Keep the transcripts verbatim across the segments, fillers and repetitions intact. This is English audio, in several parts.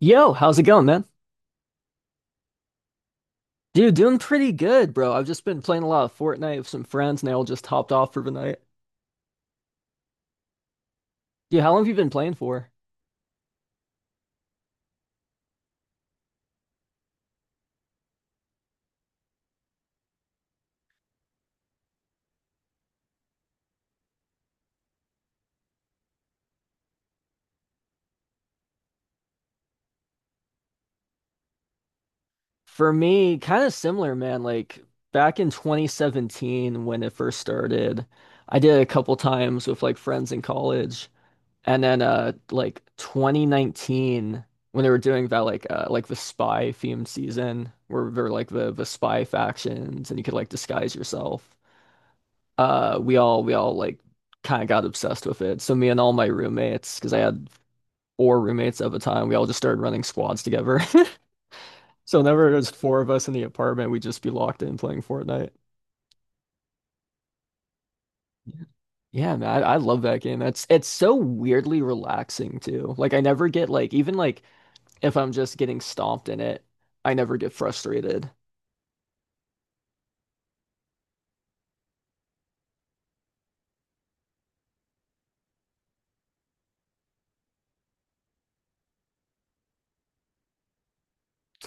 Yo, how's it going, man? Dude, doing pretty good, bro. I've just been playing a lot of Fortnite with some friends, and they all just hopped off for the night. Dude, how long have you been playing for? For me, kind of similar, man. Like back in twenty seventeen when it first started, I did it a couple times with like friends in college, and then uh like twenty nineteen when they were doing that like uh like the spy themed season where there were like the the spy factions and you could like disguise yourself. uh we all we all like kind of got obsessed with it. So me and all my roommates, because I had four roommates at the time, we all just started running squads together. So whenever there's four of us in the apartment, we'd just be locked in playing Fortnite. Yeah, man, I, I love that game. That's it's so weirdly relaxing too. Like I never get like even like if I'm just getting stomped in it, I never get frustrated.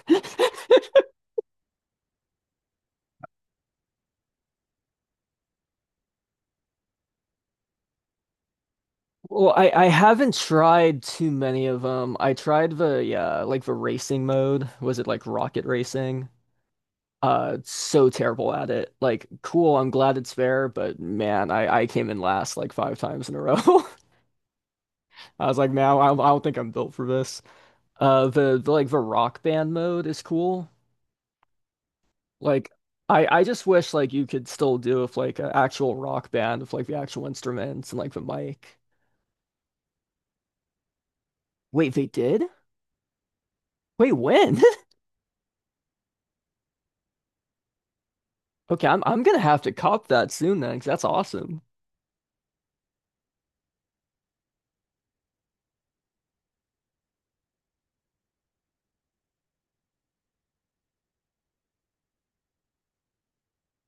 Well, I I haven't tried too many of them. I tried the yeah, like the racing mode. Was it like rocket racing? Uh, so terrible at it. Like, cool, I'm glad it's fair, but man, I I came in last like five times in a row. I was like, now I, I don't think I'm built for this. Uh, the, the like the rock band mode is cool. Like, I I just wish like you could still do with like an actual rock band with like the actual instruments and like the mic. Wait, they did? Wait, when? Okay, I'm I'm gonna have to cop that soon then, 'cause that's awesome.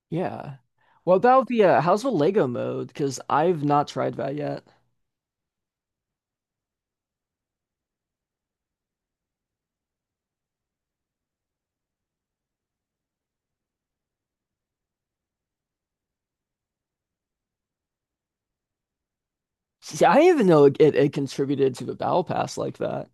Yeah. What about the uh, how's the Lego mode? Because I've not tried that yet. See, I didn't even know it, it contributed to the battle pass like that.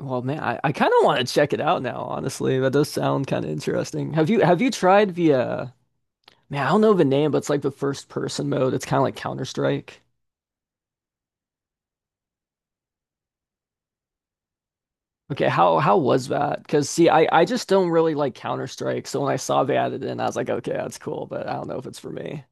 Well, man, I, I kind of want to check it out now, honestly. That does sound kind of interesting. Have you have you tried the uh man, I don't know the name, but it's like the first person mode. It's kind of like Counter-Strike. Okay, how how was that? Because see, I I just don't really like Counter-Strike, so when I saw they added it in, I was like, okay, that's cool, but I don't know if it's for me.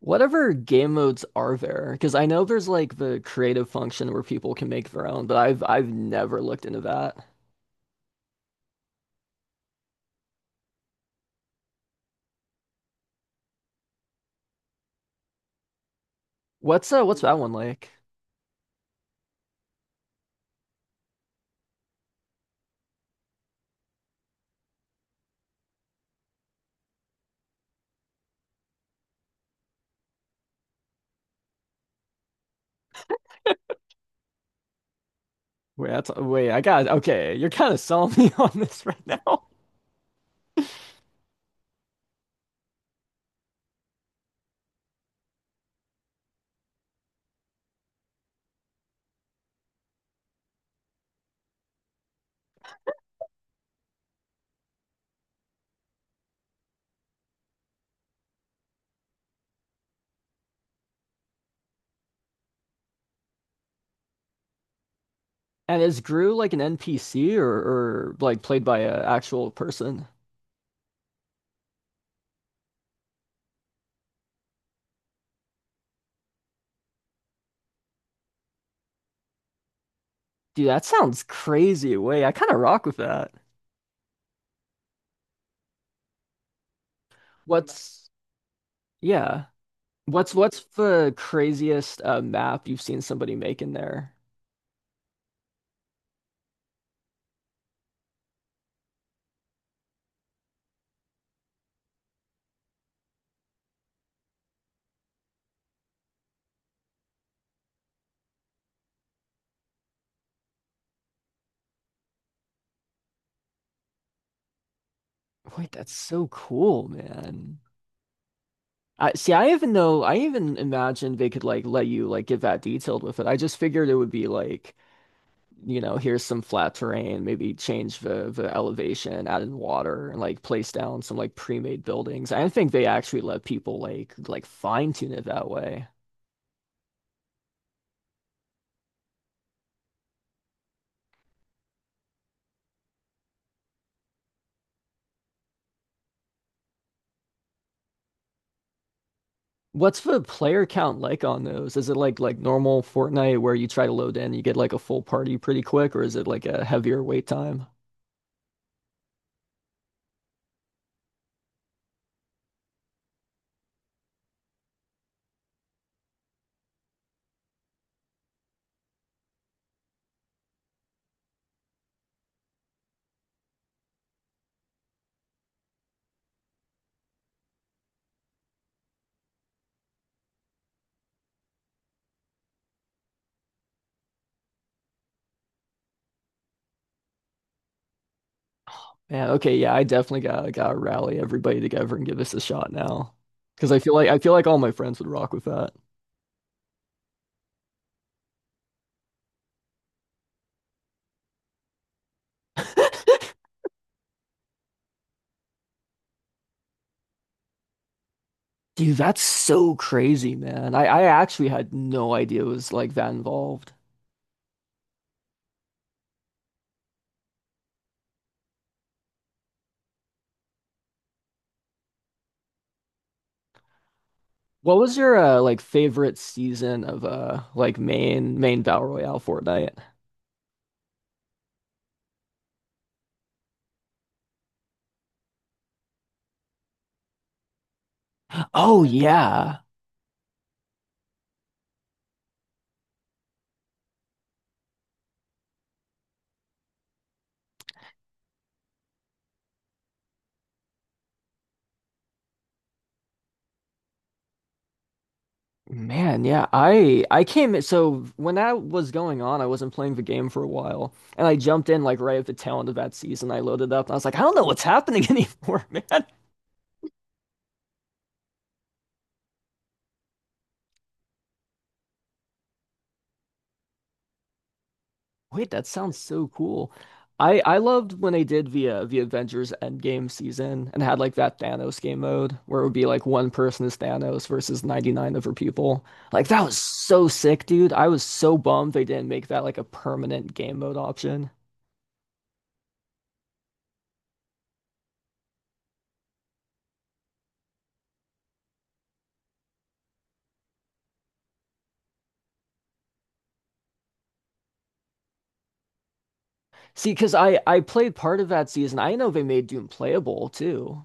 Whatever game modes are there? Because I know there's like the creative function where people can make their own, but I've I've never looked into that. What's uh what's that one like? Wait, that's, wait, I got okay. You're kind of selling me on this right now. And is Gru like an N P C or, or like played by an actual person? Dude, that sounds crazy. Wait, I kind of rock with that. What's yeah? What's what's the craziest uh, map you've seen somebody make in there? Wait, that's so cool, man. I see. I even know. I even imagined they could like let you like get that detailed with it. I just figured it would be like you know, here's some flat terrain, maybe change the the elevation, add in water, and like place down some like pre-made buildings. I think they actually let people like like fine tune it that way. What's the player count like on those? Is it like like normal Fortnite where you try to load in, you get like a full party pretty quick, or is it like a heavier wait time? Yeah. Okay, yeah, I definitely gotta gotta rally everybody together and give this a shot now. Because I feel like I feel like all my friends would rock with that. Dude, that's so crazy, man. I, I actually had no idea it was like that involved. What was your uh, like favorite season of uh like main main Battle Royale Fortnite? Oh yeah. Man, yeah. I I came in so when that was going on, I wasn't playing the game for a while. And I jumped in like right at the tail end of that season. I loaded up and I was like, I don't know what's happening anymore, man. Wait, that sounds so cool. I I loved when they did the uh, the Avengers Endgame season and had like that Thanos game mode where it would be like one person is Thanos versus ninety-nine other people. Like that was so sick, dude. I was so bummed they didn't make that like a permanent game mode option. See, because I I played part of that season. I know they made Doom playable too.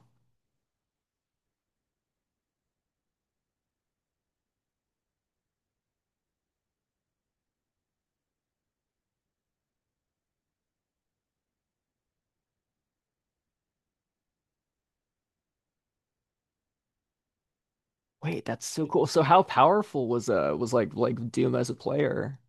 Wait, that's so cool. So how powerful was uh was like like Doom as a player?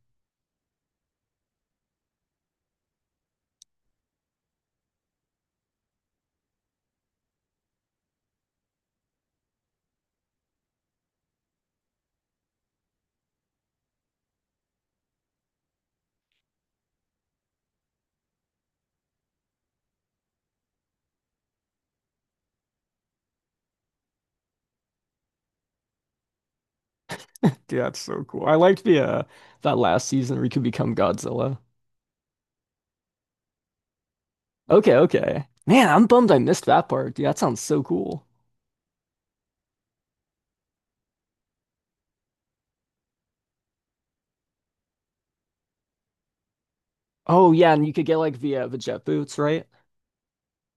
Dude, that's so cool. I liked the uh that last season where you could become Godzilla. Okay, okay. Man, I'm bummed I missed that part, dude. That sounds so cool. Oh yeah, and you could get like the uh, the jet boots, right?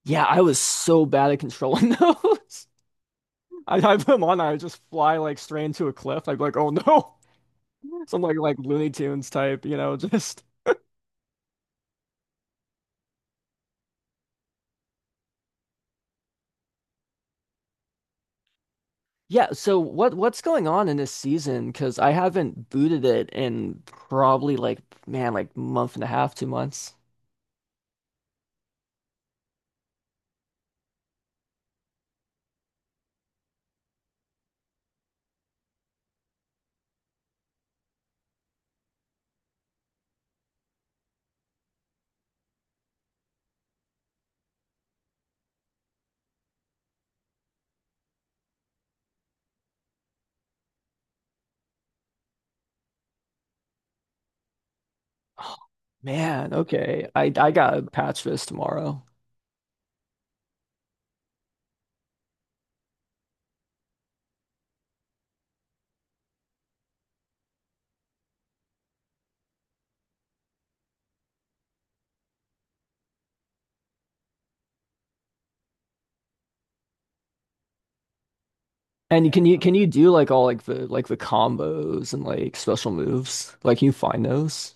Yeah, I was so bad at controlling those. I I put them on, I would just fly like straight into a cliff. I'd be like, oh no, some like like Looney Tunes type, you know, just yeah. So what what's going on in this season? Because I haven't booted it in probably like man, like month and a half, two months. Oh, man, okay. I I gotta patch this tomorrow. And you- can you can you do like all like the like the combos and like special moves? Like can you find those?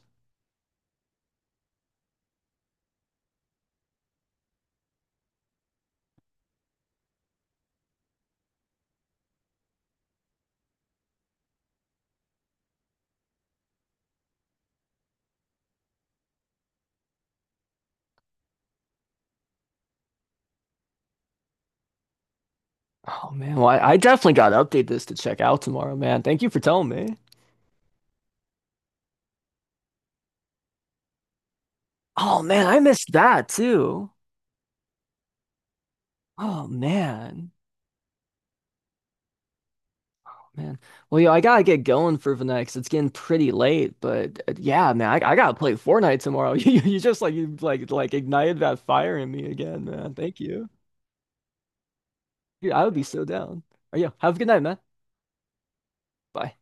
Oh man, well, I, I definitely gotta update this to check out tomorrow, man. Thank you for telling me. Oh man, I missed that too. Oh man. Oh, man. Well, yo, I gotta get going for the next. It's getting pretty late, but uh, yeah, man, I, I gotta play Fortnite tomorrow. You, you just like you like like ignited that fire in me again, man. Thank you. Dude, I would be so down. Oh, yeah, have a good night, man. Bye.